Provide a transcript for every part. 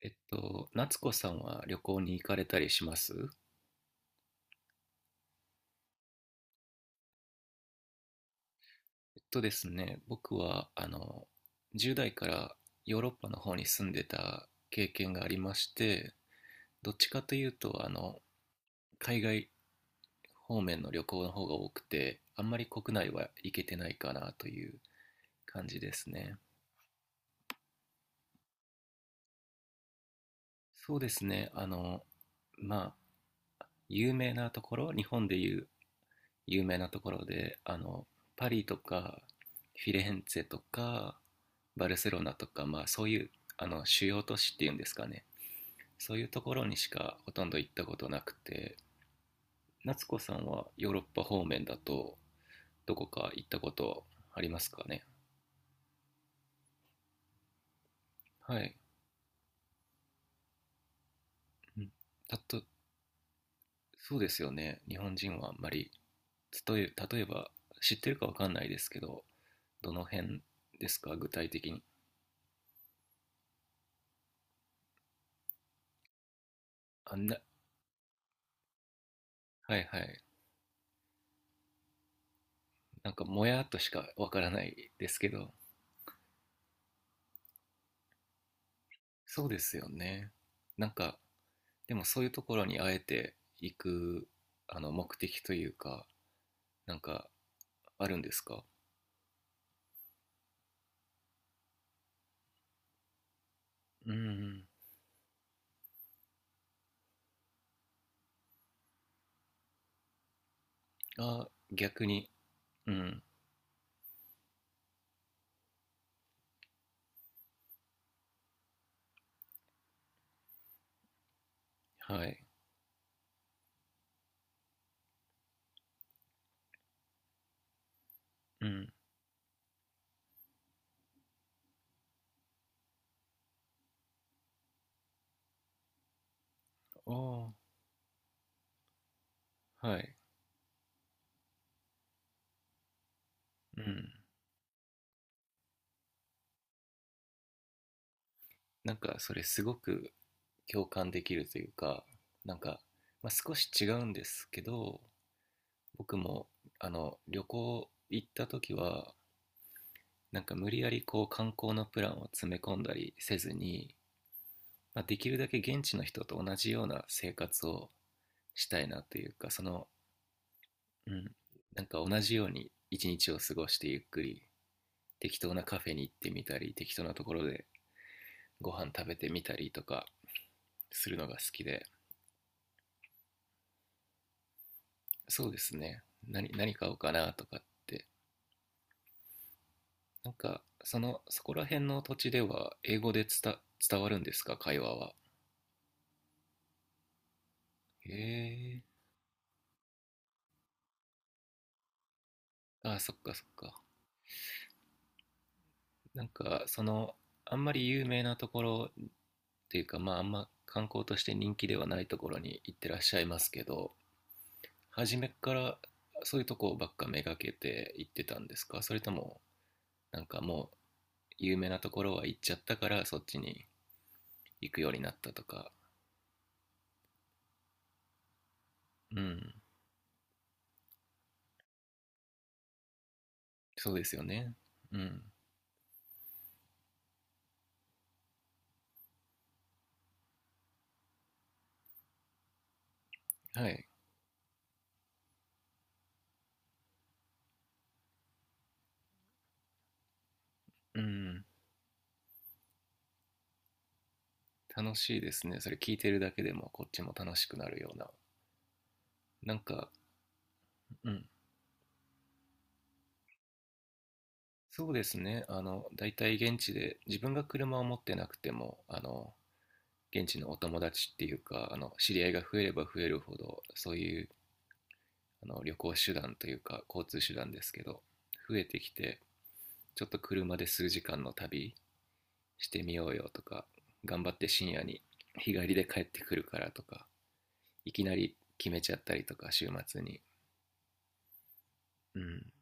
夏子さんは旅行に行かれたりします？えっとですね、僕は、10代からヨーロッパの方に住んでた経験がありまして、どっちかというと、海外方面の旅行の方が多くて、あんまり国内は行けてないかなという感じですね。そうですね、まあ、有名なところ、日本でいう有名なところでパリとかフィレンツェとかバルセロナとか、まあ、そういう主要都市っていうんですかね。そういうところにしかほとんど行ったことなくて、夏子さんはヨーロッパ方面だとどこか行ったことありますかね？はい、うん。たとそうですよね、日本人はあんまり。例えば知ってるかわかんないですけど、どの辺ですか具体的に？あんな、はいはい。なんかもやっとしかわからないですけど、そうですよね。なんか、でもそういうところにあえて行く、目的というか、なんか、あるんですか？うん。あ、逆に。うん。はい。うん。ああ、はい。うん。なんか、それすごく共感できるというか、なんか、まあ、少し違うんですけど、僕も、旅行行った時は、なんか無理やりこう観光のプランを詰め込んだりせずに、まあ、できるだけ現地の人と同じような生活をしたいなというかその、うん、なんか同じように一日を過ごしてゆっくり適当なカフェに行ってみたり適当なところでご飯食べてみたりとかするのが好きで。そうですね、何買おうかなとかって。なんかその、そこら辺の土地では英語で伝わるんですか会話は？へえ。ああ、そっかそっか。なんかその、あんまり有名なところっていうか、まああんま観光として人気ではないところに行ってらっしゃいますけど、初めからそういうとこばっかめがけて行ってたんですか？それともなんかもう有名なところは行っちゃったからそっちに行くようになったとか？うん、そうですよね。うん。はい。うん。楽しいですね、それ聞いてるだけでもこっちも楽しくなるような。なんか、うん、そうですね。大体現地で、自分が車を持ってなくても、現地のお友達っていうか、知り合いが増えれば増えるほど、そういう、旅行手段というか、交通手段ですけど、増えてきて、ちょっと車で数時間の旅してみようよとか、頑張って深夜に日帰りで帰ってくるからとか、いきなり決めちゃったりとか、週末に。うん。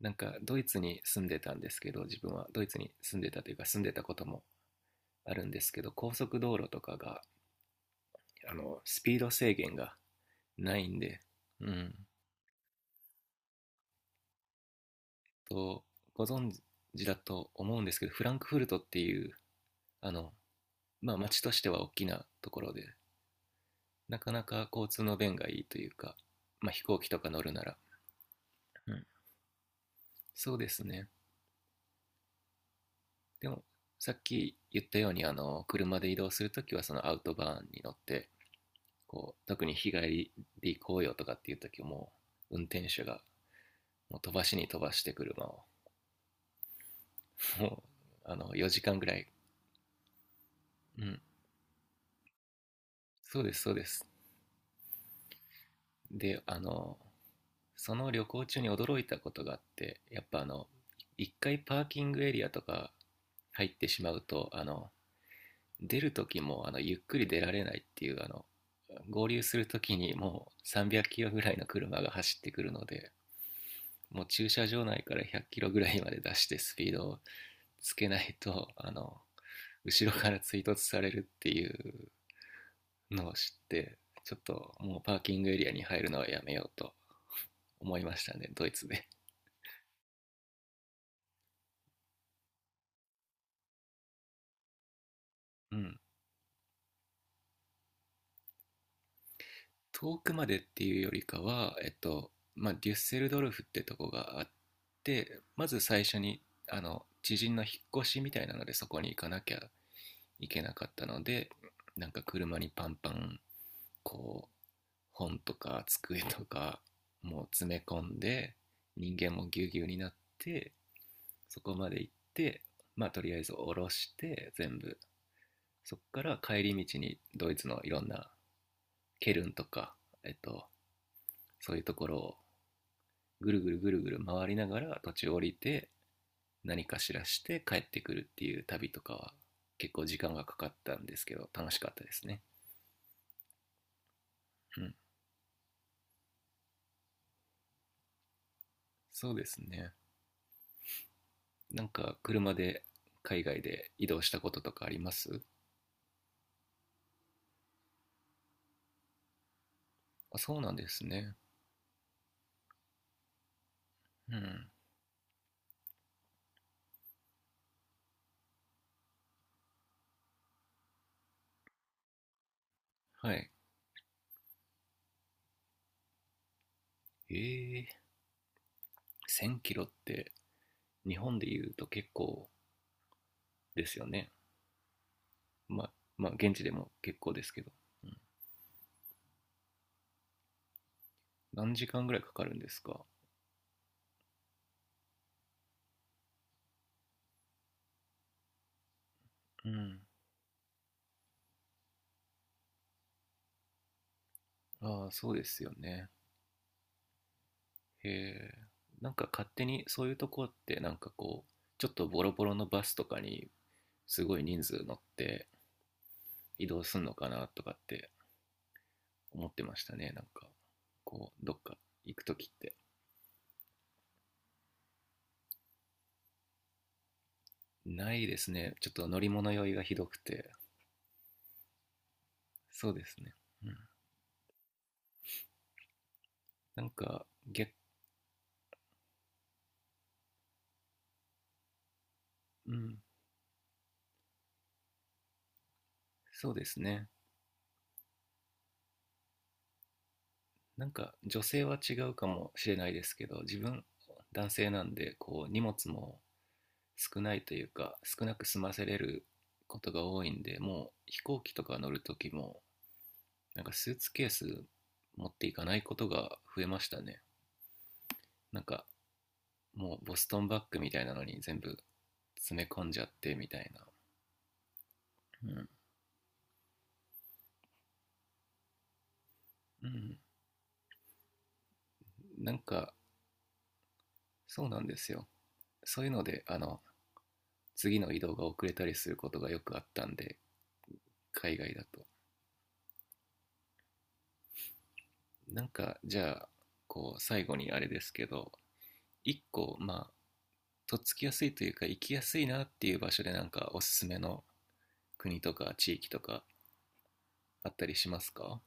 なんか、ドイツに住んでたんですけど、自分はドイツに住んでたというか、住んでたこともあるんですけど、高速道路とかが、スピード制限がないんで。うん。と、ご存知だと思うんですけど、フランクフルトっていう、あの、まあ街としては大きなところで、なかなか交通の便がいいというか、まあ飛行機とか乗るなら。うん。そうですね。でも、さっき言ったように、車で移動するときはそのアウトバーンに乗って、こう、特に日帰りで行こうよとかっていうときも、運転手がもう飛ばしに飛ばして車をも、4時間ぐらい。うん。そうです、そうです。で、その旅行中に驚いたことがあって、やっぱあの、一回パーキングエリアとか入ってしまうと、出る時も、ゆっくり出られないっていう、合流する時にもう300キロぐらいの車が走ってくるので、もう駐車場内から100キロぐらいまで出してスピードをつけないと、後ろから追突されるっていうのを知って、ちょっともうパーキングエリアに入るのはやめようと思いましたねドイツで。うん。遠くまでっていうよりかはまあデュッセルドルフってとこがあって、まず最初にあの知人の引っ越しみたいなのでそこに行かなきゃいけなかったので、なんか車にパンパンこう本とか机とかもう詰め込んで、人間もぎゅうぎゅうになってそこまで行って、まあとりあえず下ろして全部、そっから帰り道にドイツのいろんなケルンとか、えっと、そういうところをぐるぐるぐるぐる回りながら途中降りて何かしらして帰ってくるっていう旅とかは結構時間がかかったんですけど楽しかったですね。うん、そうですね。なんか車で海外で移動したこととかあります？あ、そうなんですね。うん。はい。えー、1000キロって日本で言うと結構ですよね。まあ、まあ現地でも結構ですけど。うん、何時間ぐらいかかるんですか？うん。ああ、そうですよね。へえ。なんか勝手にそういうとこってなんかこう、ちょっとボロボロのバスとかにすごい人数乗って移動すんのかなとかって思ってましたね。なんか、こう、どっか行くときって。ないですね。ちょっと乗り物酔いがひどくて。そうですね。うん。なんか。逆、うん、そうですね。なんか女性は違うかもしれないですけど、自分、男性なんで、こう、荷物も少ないというか少なく済ませれることが多いんで、もう飛行機とか乗る時もなんかスーツケース持っていかないことが増えましたね。なんかもうボストンバッグみたいなのに全部詰め込んじゃってみたいな。うん、うん。なんか、そうなんですよ。そういうので次の移動が遅れたりすることがよくあったんで海外だと。なんか、じゃあこう最後にあれですけど、1個まあとっつきやすいというか行きやすいなっていう場所でなんかおすすめの国とか地域とかあったりしますか？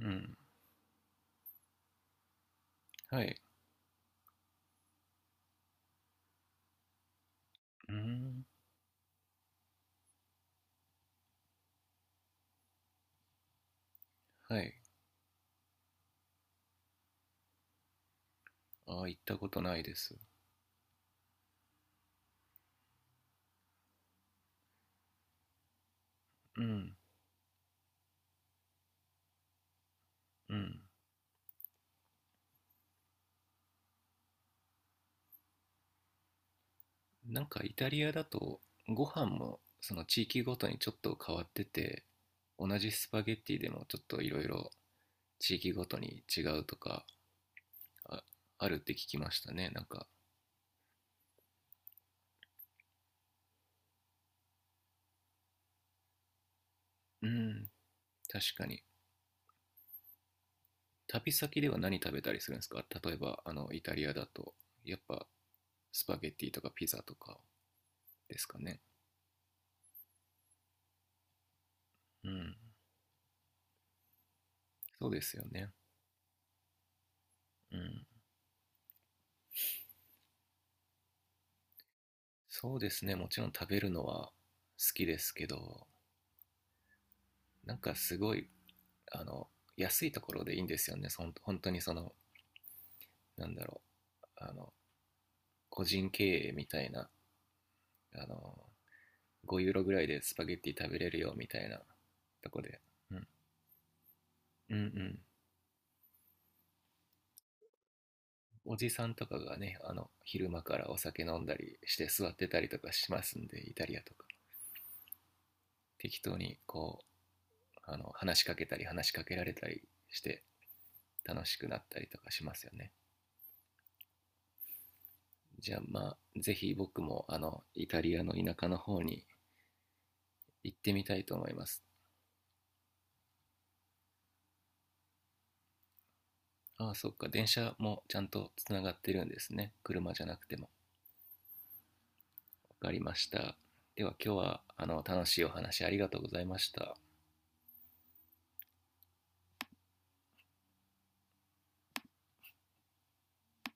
うん。はい。うーん。はい。ああ、行ったことないです。うん。うん。なんかイタリアだとご飯もその地域ごとにちょっと変わってて、同じスパゲッティでもちょっといろいろ地域ごとに違うとかああるって聞きましたね、なんか。うん、確かに。旅先では何食べたりするんですか例えば、イタリアだと、やっぱ、スパゲッティとかピザとかですかね。うん。そうですよね。うん。そうですね。もちろん食べるのは好きですけど、なんかすごい、あの、安いところでいいんですよね。本当にその、なんだろう、あの、個人経営みたいな、あの、5ユーロぐらいでスパゲッティ食べれるよみたいなとこで。うん。うんうん。おじさんとかがね、昼間からお酒飲んだりして座ってたりとかしますんで、イタリアとか。適当にこう、話しかけたり話しかけられたりして楽しくなったりとかしますよね。じゃあまあ、ぜひ僕もイタリアの田舎の方に行ってみたいと思います。ああ、そっか、電車もちゃんとつながってるんですね。車じゃなくても。わかりました。では今日は楽しいお話ありがとうございました。